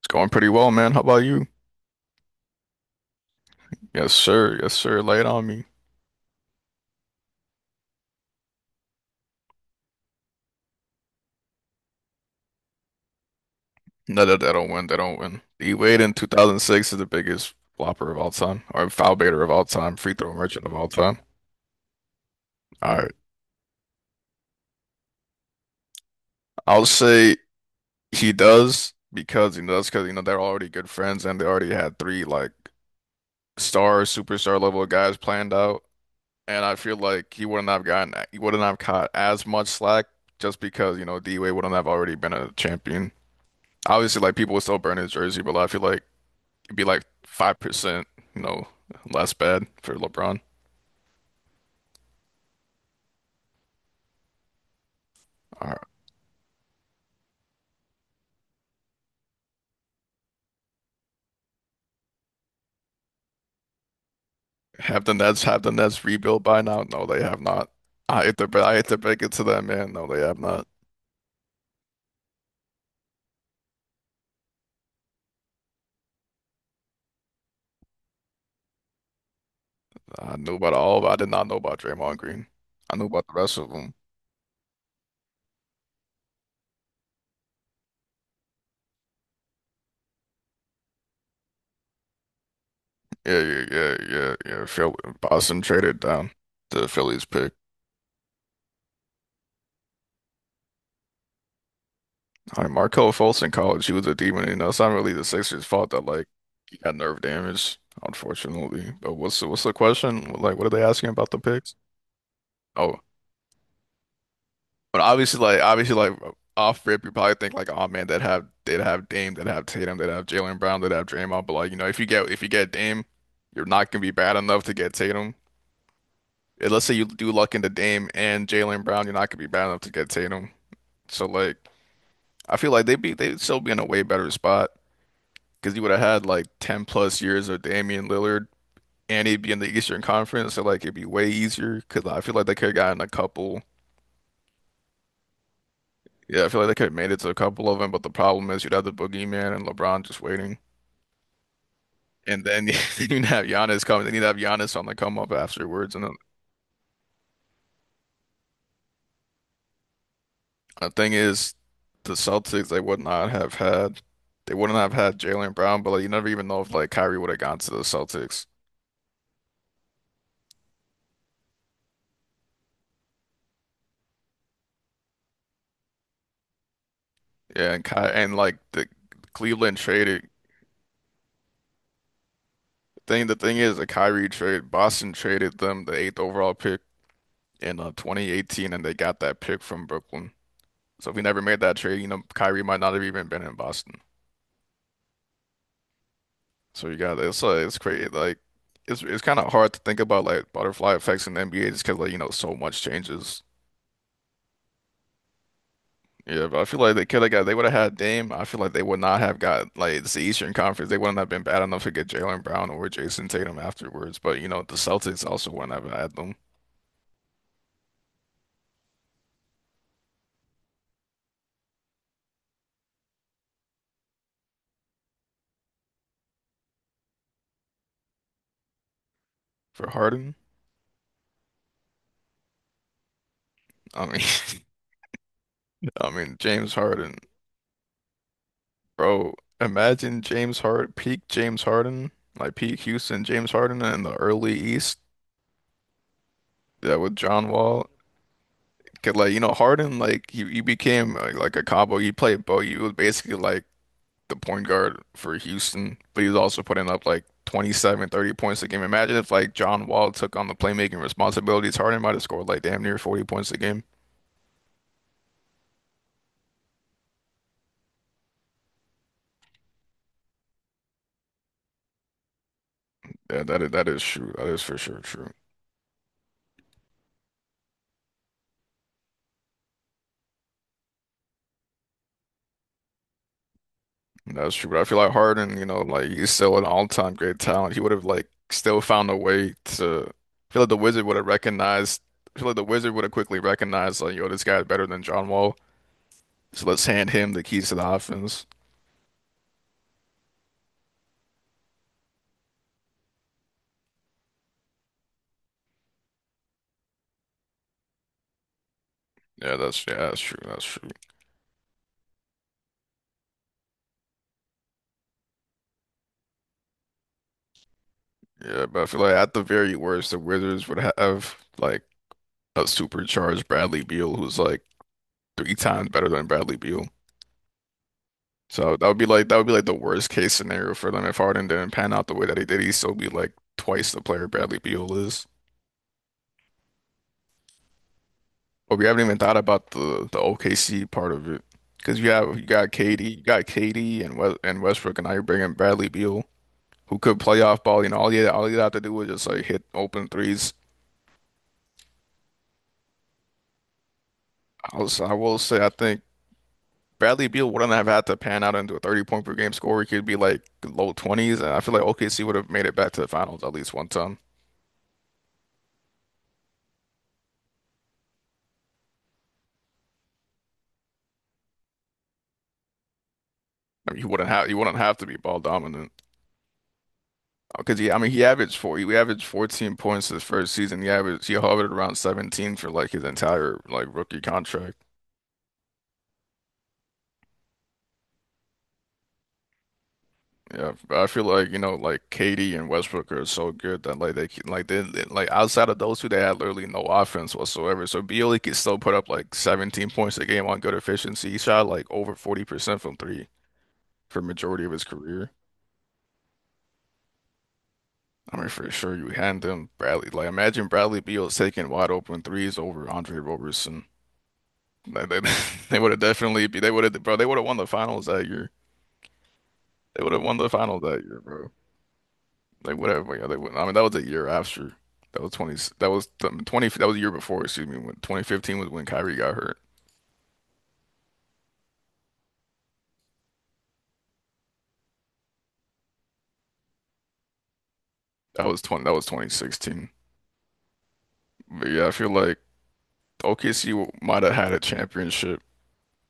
It's going pretty well, man. How about you? Yes, sir. Yes, sir. Lay it on me. No, that they don't win. They don't win. D Wade in 2006 is the biggest flopper of all time, or foul baiter of all time, free throw merchant of all time. All right. I'll say he does because you know they're already good friends, and they already had three like star, superstar level guys planned out. And I feel like he wouldn't have caught as much slack just because, you know, D Wade wouldn't have already been a champion. Obviously, like people would still burn his jersey, but I feel like it'd be like 5%, you know, less bad for LeBron. All right. Have the Nets rebuilt by now? No, they have not. I hate to break it to them, man. No, they have not. I knew about all, but I did not know about Draymond Green. I knew about the rest of them. Yeah, yeah, yeah, yeah, yeah. Phil, Boston traded down the Phillies pick. All right, Markelle Fultz in college, he was a demon. You know, it's not really the Sixers' fault that like he got nerve damage, unfortunately. But what's the question? Like, what are they asking about the picks? Oh, but obviously, like off rip, you probably think like, oh man, they'd have Dame, they'd have Tatum, they'd have Jaylen Brown, they'd have Draymond. But like you know, if you get Dame, you're not gonna be bad enough to get Tatum. And let's say you do luck into Dame and Jaylen Brown, you're not gonna be bad enough to get Tatum. So like, I feel like they'd still be in a way better spot because you would have had like 10 plus years of Damian Lillard, and he'd be in the Eastern Conference, so like it'd be way easier. Because I feel like they could have gotten a couple. Yeah, I feel like they could have made it to a couple of them, but the problem is you'd have the boogeyman and LeBron just waiting. And then they need to have Giannis coming. They need to have Giannis on the come up afterwards. And the thing is, the Celtics, they wouldn't have had Jaylen Brown, but like, you never even know if like Kyrie would have gone to the Celtics. Yeah, and Ky and like the Cleveland traded. Thing the thing is, the Kyrie trade, Boston traded them the eighth overall pick in 2018, and they got that pick from Brooklyn. So if we never made that trade, you know, Kyrie might not have even been in Boston. So you got it's crazy. Like it's kind of hard to think about like butterfly effects in the NBA just because like you know so much changes. Yeah, but I feel like they would have had Dame. I feel like they would not have got like it's the Eastern Conference. They wouldn't have been bad enough to get Jalen Brown or Jason Tatum afterwards. But you know the Celtics also wouldn't have had them for Harden. I mean, I mean James Harden, bro. Imagine James Harden, peak James Harden, like peak Houston James Harden in the early East. Yeah, with John Wall. Cause like you know Harden like he became like a combo. He played Bo. He was basically like the point guard for Houston, but he was also putting up like 27, 30 points a game. Imagine if like John Wall took on the playmaking responsibilities. Harden might have scored like damn near 40 points a game. Yeah, that is true. That is for sure true. That's true. But I feel like Harden, you know, like he's still an all-time great talent. He would have like still found a way to I feel like the Wizard would have quickly recognized like, yo, this guy's better than John Wall. So let's hand him the keys to the offense. Yeah, that's true. That's true. Yeah, but I feel like at the very worst, the Wizards would have like a supercharged Bradley Beal who's like three times better than Bradley Beal. So that would be like the worst case scenario for them if Harden didn't pan out the way that he did. He'd still be like twice the player Bradley Beal is. But we haven't even thought about the OKC part of it because you got KD, you got KD and West, and Westbrook, and now you're bringing Bradley Beal, who could play off ball. You know, all you have to do is just like hit open threes. I will say, I think Bradley Beal wouldn't have had to pan out into a 30 point per game score. He could be like low 20s, and I feel like OKC would have made it back to the finals at least one time. I mean, he wouldn't have to be ball dominant because he. I mean, he averaged four. He averaged 14 points his first season. He hovered around 17 for like his entire like rookie contract. Yeah, I feel like, you know, like Katie and Westbrook are so good that like they can- like they- like outside of those two they had literally no offense whatsoever. So Beal could still put up like 17 points a game on good efficiency. He shot like over 40% from three for majority of his career. I mean, for sure you hand him Bradley. Like imagine Bradley Beal taking wide open threes over Andre Roberson. Like, they they would have definitely be they would have bro they would have won the finals that year. They would have won the finals that year, bro. Like whatever, yeah, they wouldn't. I mean, that was a year after. That was 20. That was um, 20. That was a year before. Excuse me. When 2015 was when Kyrie got hurt. That was 20. That was 2016. But yeah, I feel like OKC might have had a championship.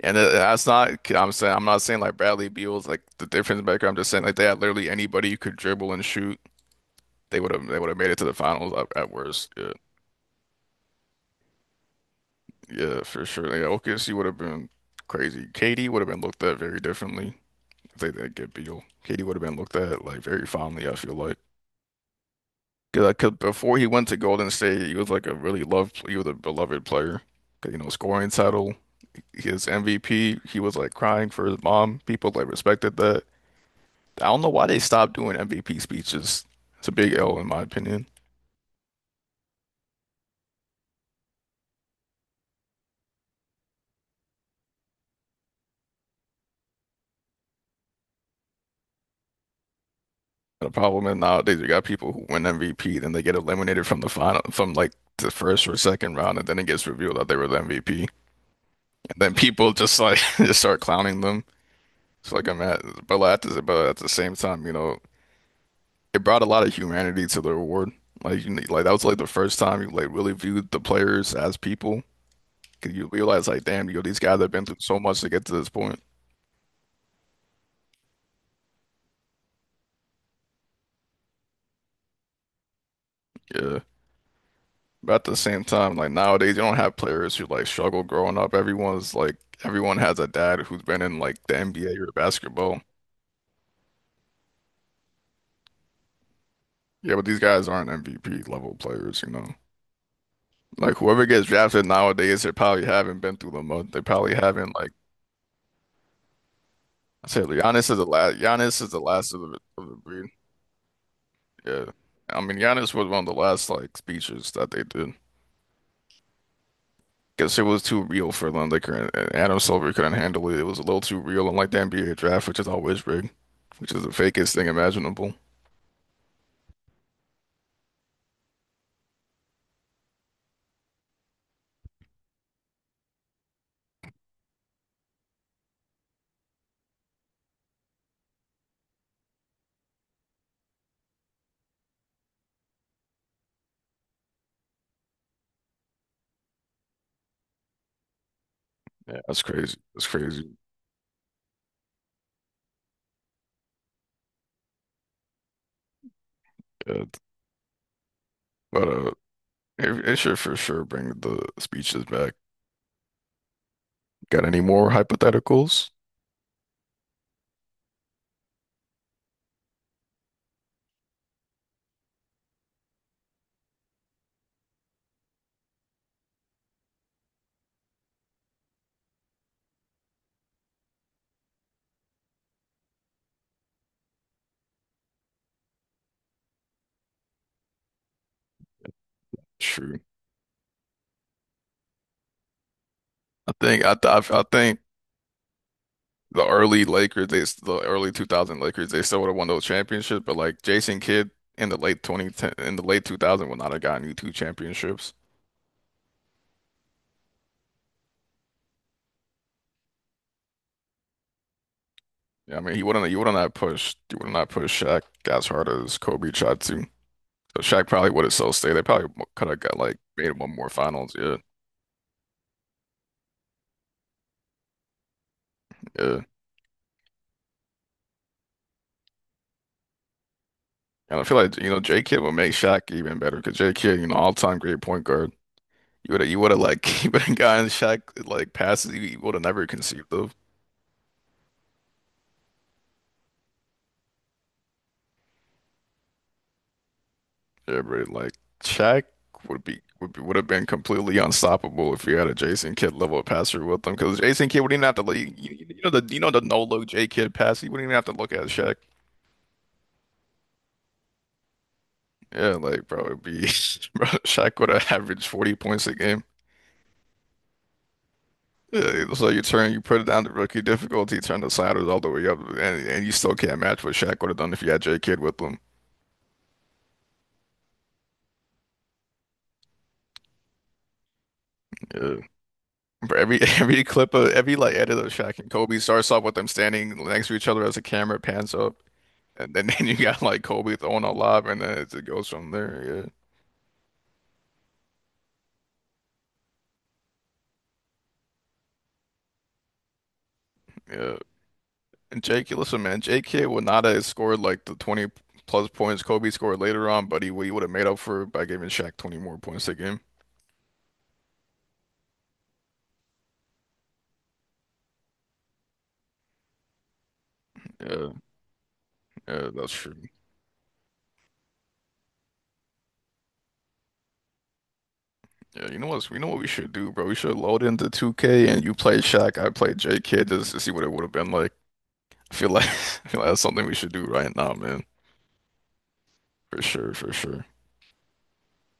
And it- that's not. I'm saying. I'm not saying like Bradley Beal's like the difference maker. I'm just saying like they had literally anybody who could dribble and shoot. They would have made it to the finals at worst. Yeah, yeah, for sure. Yeah, OKC would have been crazy. KD would have been looked at very differently. I think that good Beal. KD would have been looked at like very fondly, I feel like. Because before he went to Golden State, he was like a really loved, he was a beloved player. 'Cause, you know, scoring title, his MVP, he was like crying for his mom. People like respected that. I don't know why they stopped doing MVP speeches. It's a big L in my opinion. The problem is nowadays you got people who win MVP, then they get eliminated from the final, from like the first or second round, and then it gets revealed that they were the MVP. And then people just like just start clowning them. So like I'm at, but like, at the, but at the same time, you know, it brought a lot of humanity to the reward. Like that was like the first time you like really viewed the players as people. 'Cause you realize like, damn, yo, these guys have been through so much to get to this point. Yeah. But at the same time, like nowadays, you don't have players who like struggle growing up. Everyone has a dad who's been in like the NBA or basketball. Yeah, but these guys aren't MVP level players, you know. Like whoever gets drafted nowadays, they probably haven't been through the mud. They probably haven't like I said Giannis is the last. Giannis is the last of the breed. Yeah, I mean Giannis was one of the last like speeches that they did because it was too real for them. They couldn't. Adam Silver couldn't handle it. It was a little too real, unlike the NBA draft, which is always rigged, which is the fakest thing imaginable. Yeah, that's crazy. That's crazy. Yeah. But it should for sure bring the speeches back. Got any more hypotheticals? Sure. I think the early Lakers, the early 2000 Lakers, they still would have won those championships, but like Jason Kidd in the late 2010 in the late 2000 would not have gotten you two championships. Yeah, I mean, He would not push Shaq as hard as Kobe tried to. So Shaq probably would have still stayed. They probably could have got like made one more finals. Yeah, yeah. And I feel like you know J Kidd would make Shaq even better because J Kidd, you know, all time great point guard. You would have like you would have gotten Shaq like passes you would have never conceived of. Everybody like Shaq would have been completely unstoppable if he had a Jason Kidd level passer with him because Jason Kidd wouldn't even have to like you know the no look J Kidd pass. He wouldn't even have to look at Shaq. Yeah, like bro, it'd be bro, Shaq would have averaged 40 points a game. Yeah, so you put it down to rookie difficulty, turn the sliders all the way up, and you still can't match what Shaq would have done if you had J Kidd with him. Yeah. Bro, every every clip of every like edit of Shaq and Kobe starts off with them standing next to each other as the camera pans up. And then, then you got like Kobe throwing a lob, and then it goes from there. Yeah, yeah. And J.K. listen, man, J.K. would not have scored like the 20 plus points Kobe scored later on, but he would have made up for it by giving Shaq 20 more points a game. Yeah, yeah, that's true. Yeah, you know what we should do, bro? We should load into 2K and you play Shaq, I play J.K. just to see what it would have been like. I feel like I feel like that's something we should do right now, man. For sure, for sure.